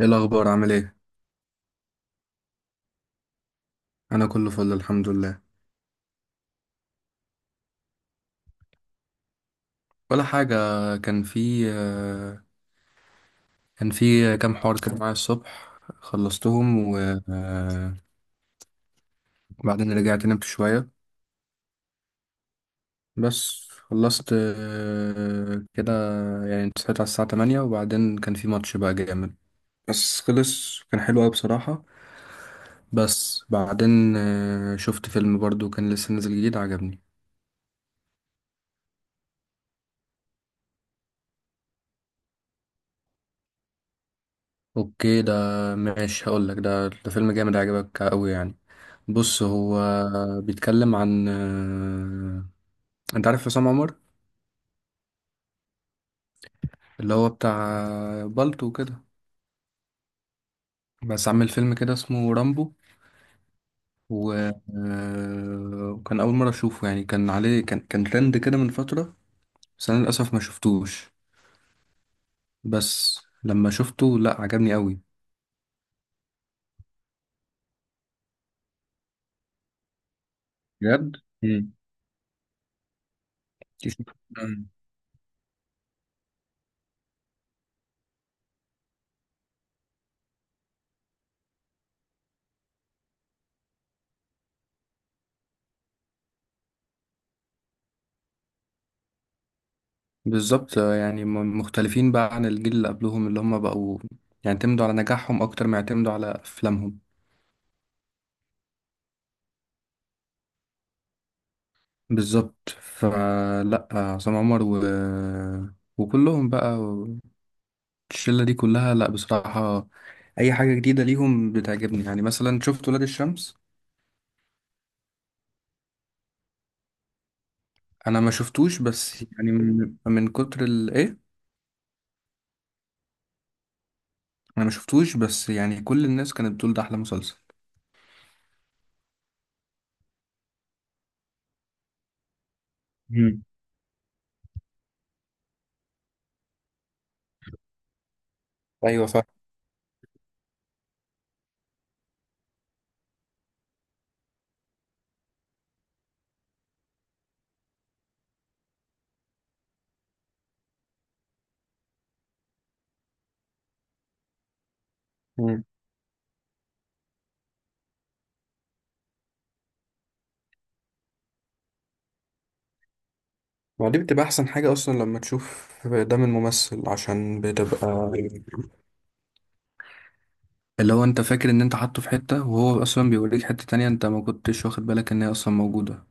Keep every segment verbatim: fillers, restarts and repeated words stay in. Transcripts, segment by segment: ايه الاخبار؟ عامل ايه؟ انا كله فل الحمد لله. ولا حاجه. كان في آه، كان في كام حوار كده معايا الصبح خلصتهم و- آه، وبعدين رجعت نمت شويه. بس خلصت آه، كده، يعني صحيت على الساعه تمانية، وبعدين كان في ماتش بقى جامد بس خلص، كان حلو قوي بصراحه. بس بعدين آه، شفت فيلم برضو كان لسه نازل جديد، عجبني. اوكي، ده ماشي. هقول لك ده ده فيلم جامد عجبك قوي يعني. بص، هو بيتكلم عن آه، انت عارف عصام عمر؟ اللي هو بتاع بالطو وكده، بس عامل فيلم كده اسمه رامبو. و... آه، وكان اول مره اشوفه، يعني كان عليه كان كان ترند كده من فتره، بس انا للاسف ما شفتوش. بس لما شفته، لا عجبني قوي بجد. مم. بالظبط آه، يعني م- مختلفين بقى عن الجيل اللي قبلهم، اللي هم بقوا يعتمدوا على نجاحهم أكتر ما يعتمدوا على أفلامهم. بالظبط، فلا عصام عمر و... وكلهم بقى، الشلة دي كلها، لا بصراحة أي حاجة جديدة ليهم بتعجبني. يعني مثلا شفت ولاد الشمس؟ أنا ما شفتوش، بس يعني من، من كتر الإيه. أنا ما شفتوش، بس يعني كل الناس كانت بتقول ده أحلى مسلسل. مم. ايوه. فاهم. ما دي بتبقى احسن حاجة اصلا لما تشوف دم الممثل، عشان بتبقى اللي هو انت فاكر ان انت حاطه في حتة، وهو اصلا بيوريك حتة تانية انت ما كنتش واخد بالك ان هي اصلا موجودة.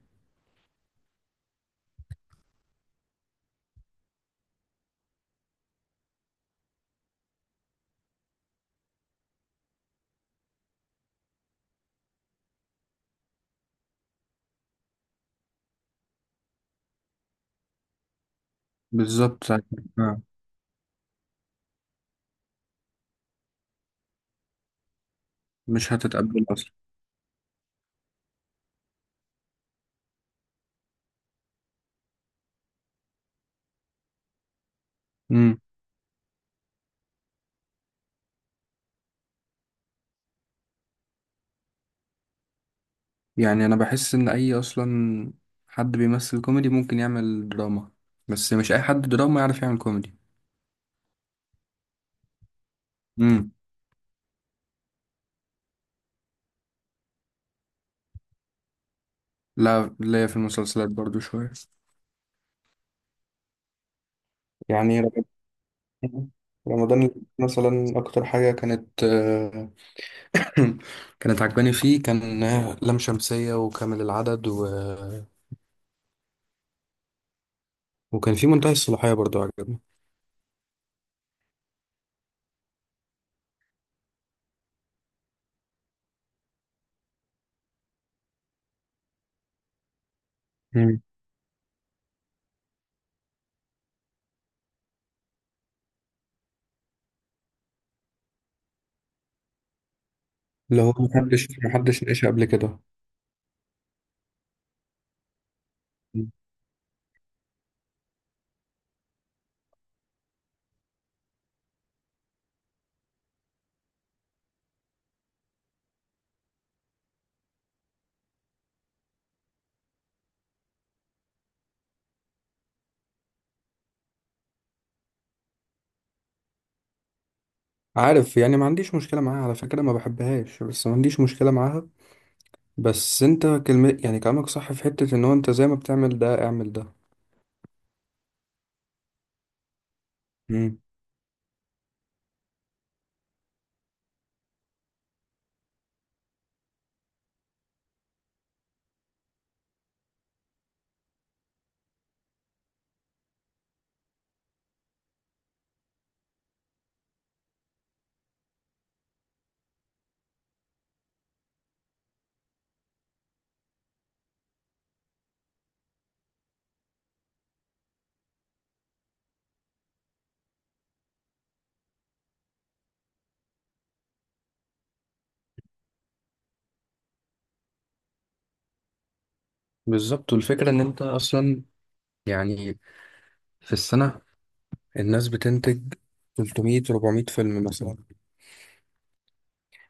بالظبط. آه، مش هتتقبل اصلا. امم. يعني انا بحس ان اي اصلا حد بيمثل كوميدي ممكن يعمل دراما، بس مش اي حد دراما يعرف يعمل كوميدي. امم. لا، ليا في المسلسلات برضو شوية. يعني رمضان. رمضان مثلا اكتر حاجة كانت كانت عجباني فيه كان لام شمسية وكامل العدد و... وكان في منتهي الصلاحية برضو عجبني. مم. اللي هو محدش محدش ناقشها قبل كده. مم. عارف، يعني ما عنديش مشكلة معاها على فكرة، ما بحبهاش بس ما عنديش مشكلة معاها. بس انت كلمة، يعني كلامك صح في حتة ان هو انت زي ما بتعمل ده اعمل ده. مم. بالظبط. والفكرة ان انت اصلا يعني في السنة الناس بتنتج تلتمية اربعمية فيلم مثلا،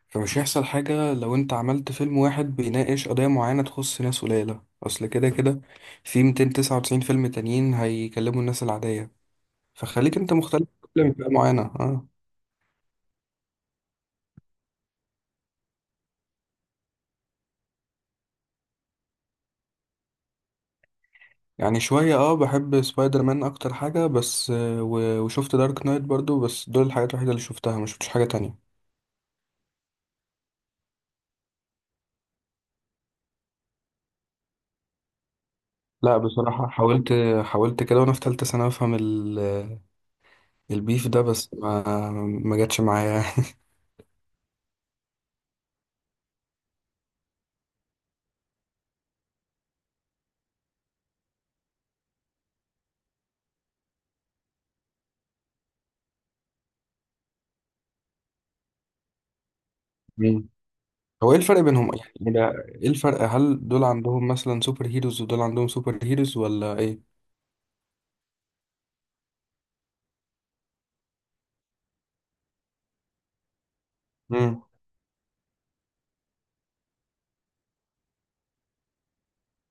فمش هيحصل حاجة لو انت عملت فيلم واحد بيناقش قضية معينة تخص ناس قليلة. اصل كده كده في مئتين وتسعة وتسعين فيلم تانيين هيكلموا الناس العادية، فخليك انت مختلف في فئة معينة. اه يعني شوية. اه بحب سبايدر مان اكتر حاجة، بس آه، و- وشفت دارك نايت برضو، بس دول الحاجات الوحيدة اللي شفتها، ما شفتش حاجة تانية. لا بصراحة حاولت. حاولت كده وانا في تالتة سنة افهم ال- البيف ده، بس ما ما جاتش معايا. هو ايه الفرق بينهم يعني؟ ولا ايه الفرق؟ هل دول عندهم مثلا سوبر هيروز ودول عندهم سوبر هيروز ولا ايه؟ امم.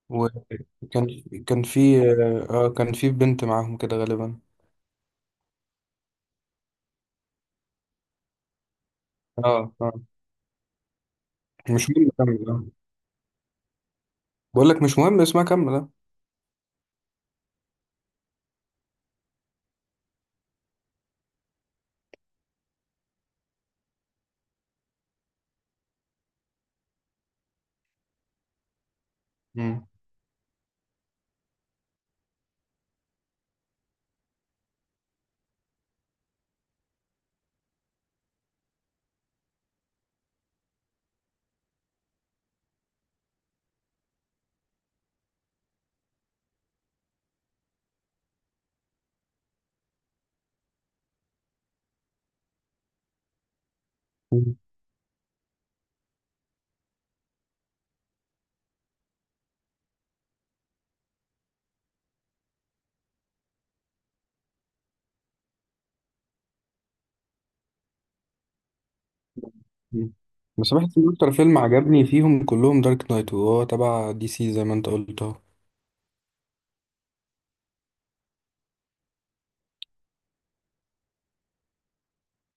وكان كان في اه كان في بنت معاهم كده غالبا. اه اه. مش مهم، كمل اه. بقول لك مش مهم اسمها، كمل اه. امم. مم. مم. بس بحس ان اكتر فيلم عجبني فيهم كلهم دارك نايت، وهو تبع دي سي زي ما انت قلت اهو.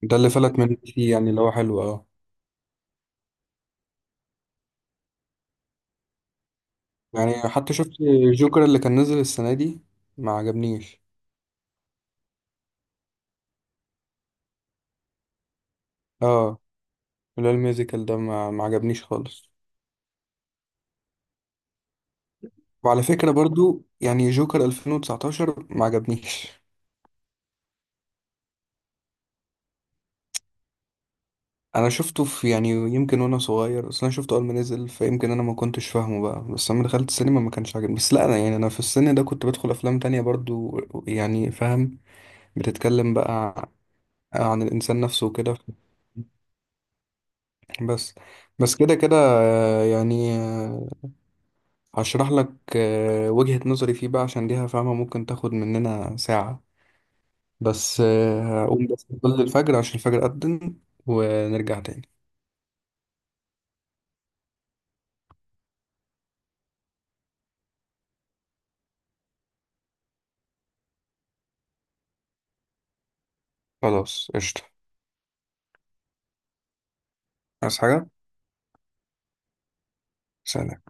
ده اللي فلت من دي سي يعني، اللي هو حلو اه. يعني حتى شفت الجوكر اللي كان نزل السنة دي، ما عجبنيش. اه لا الميوزيكال ده ما, ما عجبنيش خالص. وعلى فكرة برضو يعني جوكر ألفين وتسعتاشر ما عجبنيش. انا شفته في، يعني يمكن وانا صغير، اصل انا شفته اول ما نزل فيمكن انا ما كنتش فاهمه بقى. بس لما دخلت السينما ما كانش عاجبني. بس لا انا يعني انا في السن ده كنت بدخل افلام تانية برضو يعني. فاهم، بتتكلم بقى عن الانسان نفسه وكده. بس، بس كده كده آه، يعني آه، هشرح لك آه، وجهة نظري فيه بقى عشان دي فاهمة ممكن تاخد مننا ساعة. بس آه، هقوم بس قبل الفجر عشان الفجر أذن، ونرجع تاني. خلاص قشطة. عايز حاجة؟ سلام.